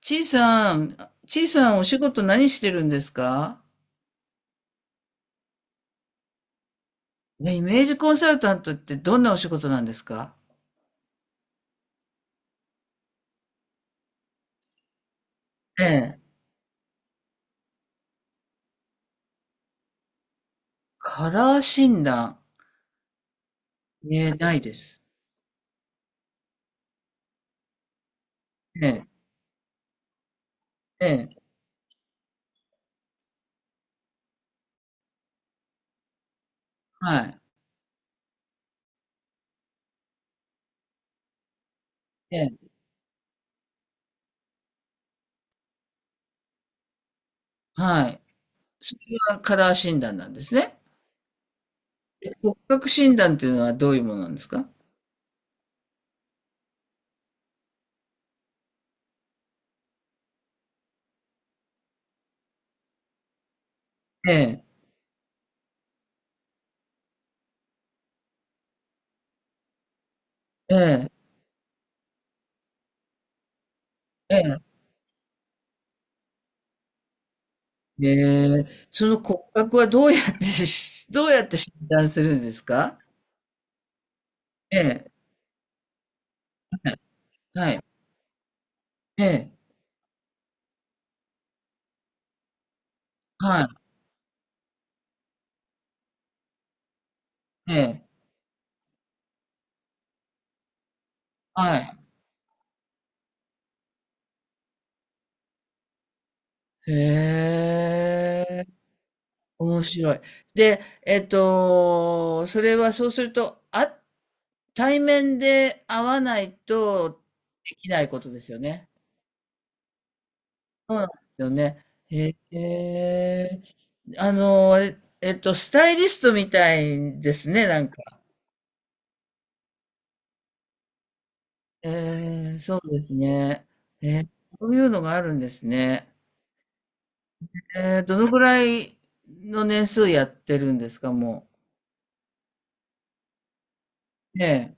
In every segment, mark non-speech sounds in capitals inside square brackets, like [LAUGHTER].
ちいさん、ちいさんお仕事何してるんですか？ね、イメージコンサルタントってどんなお仕事なんですか？ええ。カラー診断。ええ、ないです。ええ、ええ、はい。ええ、はい。それはカラー診断なんですね。骨格診断っていうのはどういうものなんですか？ええ、ええ、ええ。ええその骨格はどうやってし、[LAUGHS] どうやって診断するんですか？ええ、はい。ええ、はい。ええ、はい。へえ、面白い。で、それはそうすると、あ対面で会わないとできないことですよね。そうなんですよね。へえ、あれスタイリストみたいですね、なんか。えそうですね。えー、そういうのがあるんですね。えー、どのぐらいの年数やってるんですか、もう。ええ、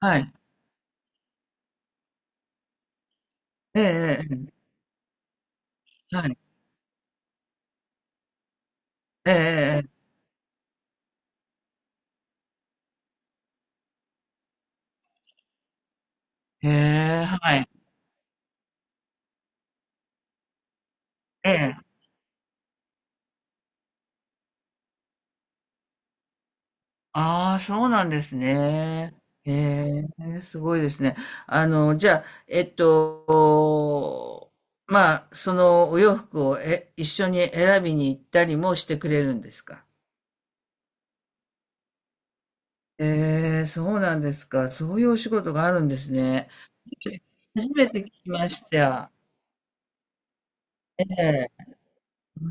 はい。ええ、ええ、ええはい。ええええええ。へはい。ええ。ああ、そうなんですね。へえ、すごいですね。あの、じゃあ、えっと、まあ、そのお洋服を一緒に選びに行ったりもしてくれるんですか？ええ、そうなんですか。そういうお仕事があるんですね。初めて聞きました。ええ。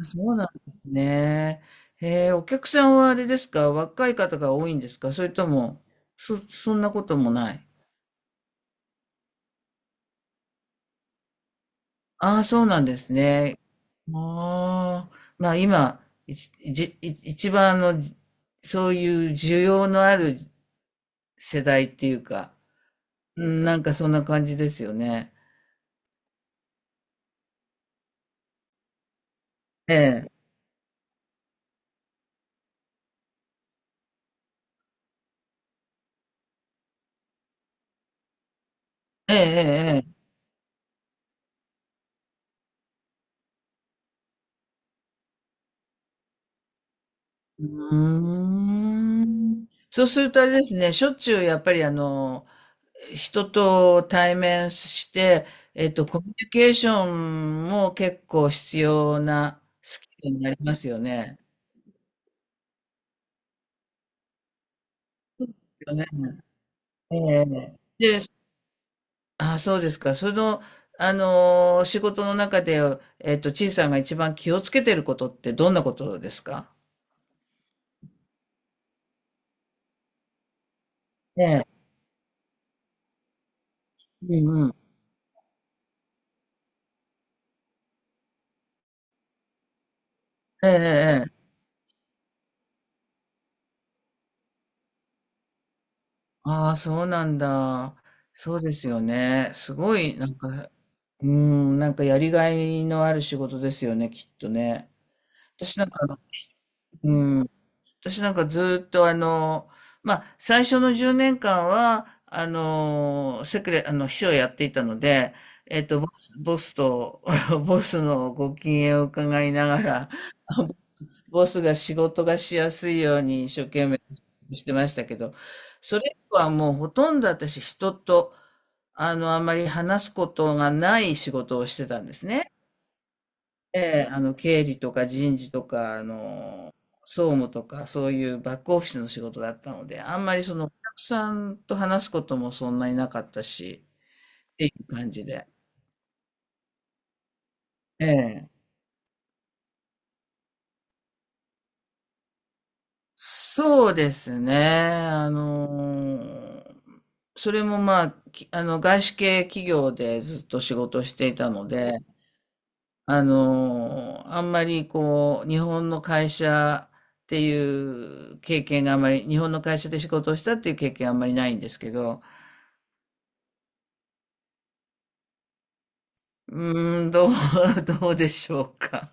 あ、そうなんですね。ええ、お客さんはあれですか、若い方が多いんですか、それとも、そ、そんなこともない。ああ、そうなんですね。ああ、まあ今、いちいちい一番の、そういう需要のある世代っていうか、うん、なんかそんな感じですよね。ええ、ええ、ええ。ええうーん。そうするとあれですね、しょっちゅうやっぱり人と対面して、コミュニケーションも結構必要なスキルになりますよね。よねええで、あ、そうですか。その、仕事の中で、えっと、ちいさんが一番気をつけてることってどんなことですか？うんうん。ええ、ええ。ああ、そうなんだ。そうですよね。すごい、なんか、うん、なんかやりがいのある仕事ですよね、きっとね。私なんか、私なんかずっと最初の10年間は、セクレ、あの、秘書をやっていたので、えっと、ボスと、[LAUGHS] ボスのご機嫌を伺いながら、[LAUGHS] ボスが仕事がしやすいように一生懸命してましたけど、それ以降はもうほとんど私人と、あんまり話すことがない仕事をしてたんですね。ええ、経理とか人事とか、総務とか、そういうバックオフィスの仕事だったので、あんまりその、お客さんと話すこともそんなになかったし、っていう感じで。ええ。そうですね。あの、それもまあ、外資系企業でずっと仕事をしていたので、あんまりこう、日本の会社っていう経験があんまり、日本の会社で仕事をしたっていう経験あんまりないんですけど、うーん、どう、[LAUGHS] どうでしょうか。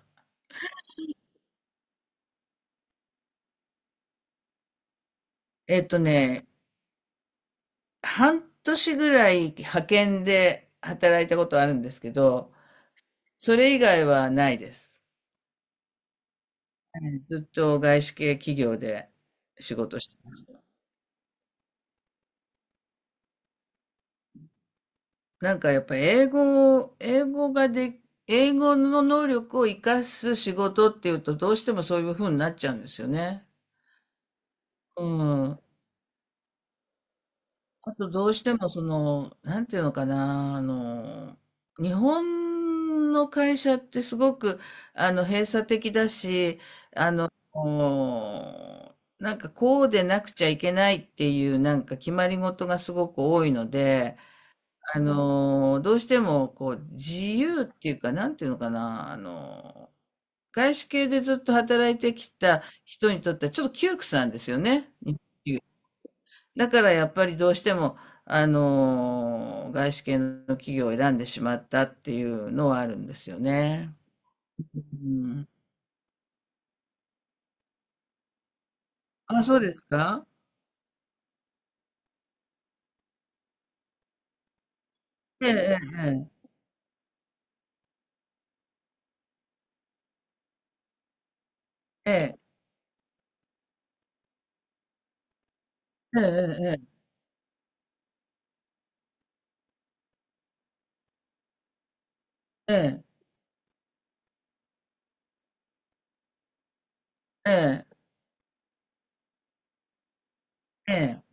えっとね、半年ぐらい派遣で働いたことあるんですけど、それ以外はないです。はいずっと外資系企業で仕事してます。なんかやっぱ英語を、英語の能力を活かす仕事っていうとどうしてもそういう風になっちゃうんですよね。うん。あとどうしてもその、なんていうのかな、日本の会社ってすごく、閉鎖的だし、あの、おなんかこうでなくちゃいけないっていうなんか決まり事がすごく多いので、どうしてもこう自由っていうか、なんていうのかな、外資系でずっと働いてきた人にとってはちょっと窮屈なんですよね。給だからやっぱりどうしても、外資系の企業を選んでしまったっていうのはあるんですよね。うん、あ、そうですか？ええ、ええ、ええ、ええ、ええ、ええ、ええ、ええ、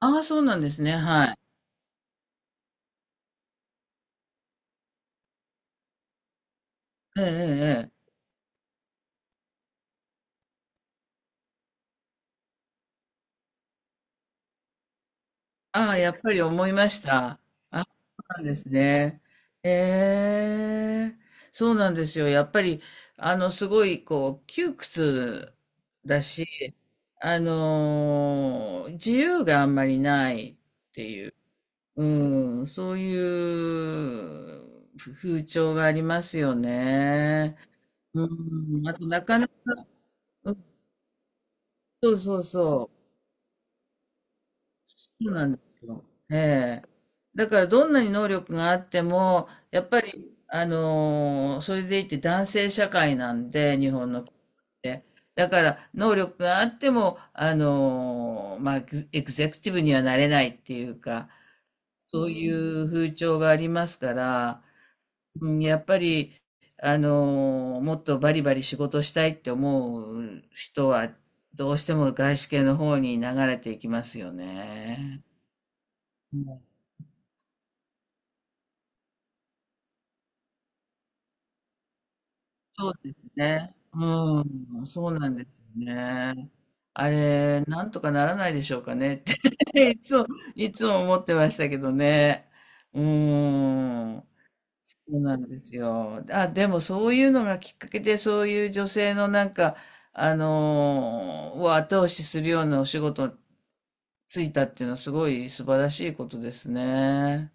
ああ、そうなんですね。はい。ええ、ええ。ええああ、やっぱり思いました。あ、そうなんですね。ええ、そうなんですよ。やっぱり、すごい、こう、窮屈だし、自由があんまりない、うん、そういうふ風潮がありますよね。うん、あと、なかなか、うんそうそうそう。そうなんですよ。ええ。だからどんなに能力があっても、やっぱり、それでいて男性社会なんで、日本の国って。だから、能力があっても、まあ、エグゼクティブにはなれないっていうか、そういう風潮がありますから、うん、やっぱり、もっとバリバリ仕事したいって思う人は、どうしても外資系の方に流れていきますよね。そうですね。うん、そうなんですよね。あれ、なんとかならないでしょうかねって [LAUGHS] いつも、いつも思ってましたけどね。うん、そうなんですよ。あ、でもそういうのがきっかけで、そういう女性のなんか、を後押しするようなお仕事ついたっていうのはすごい素晴らしいことですね。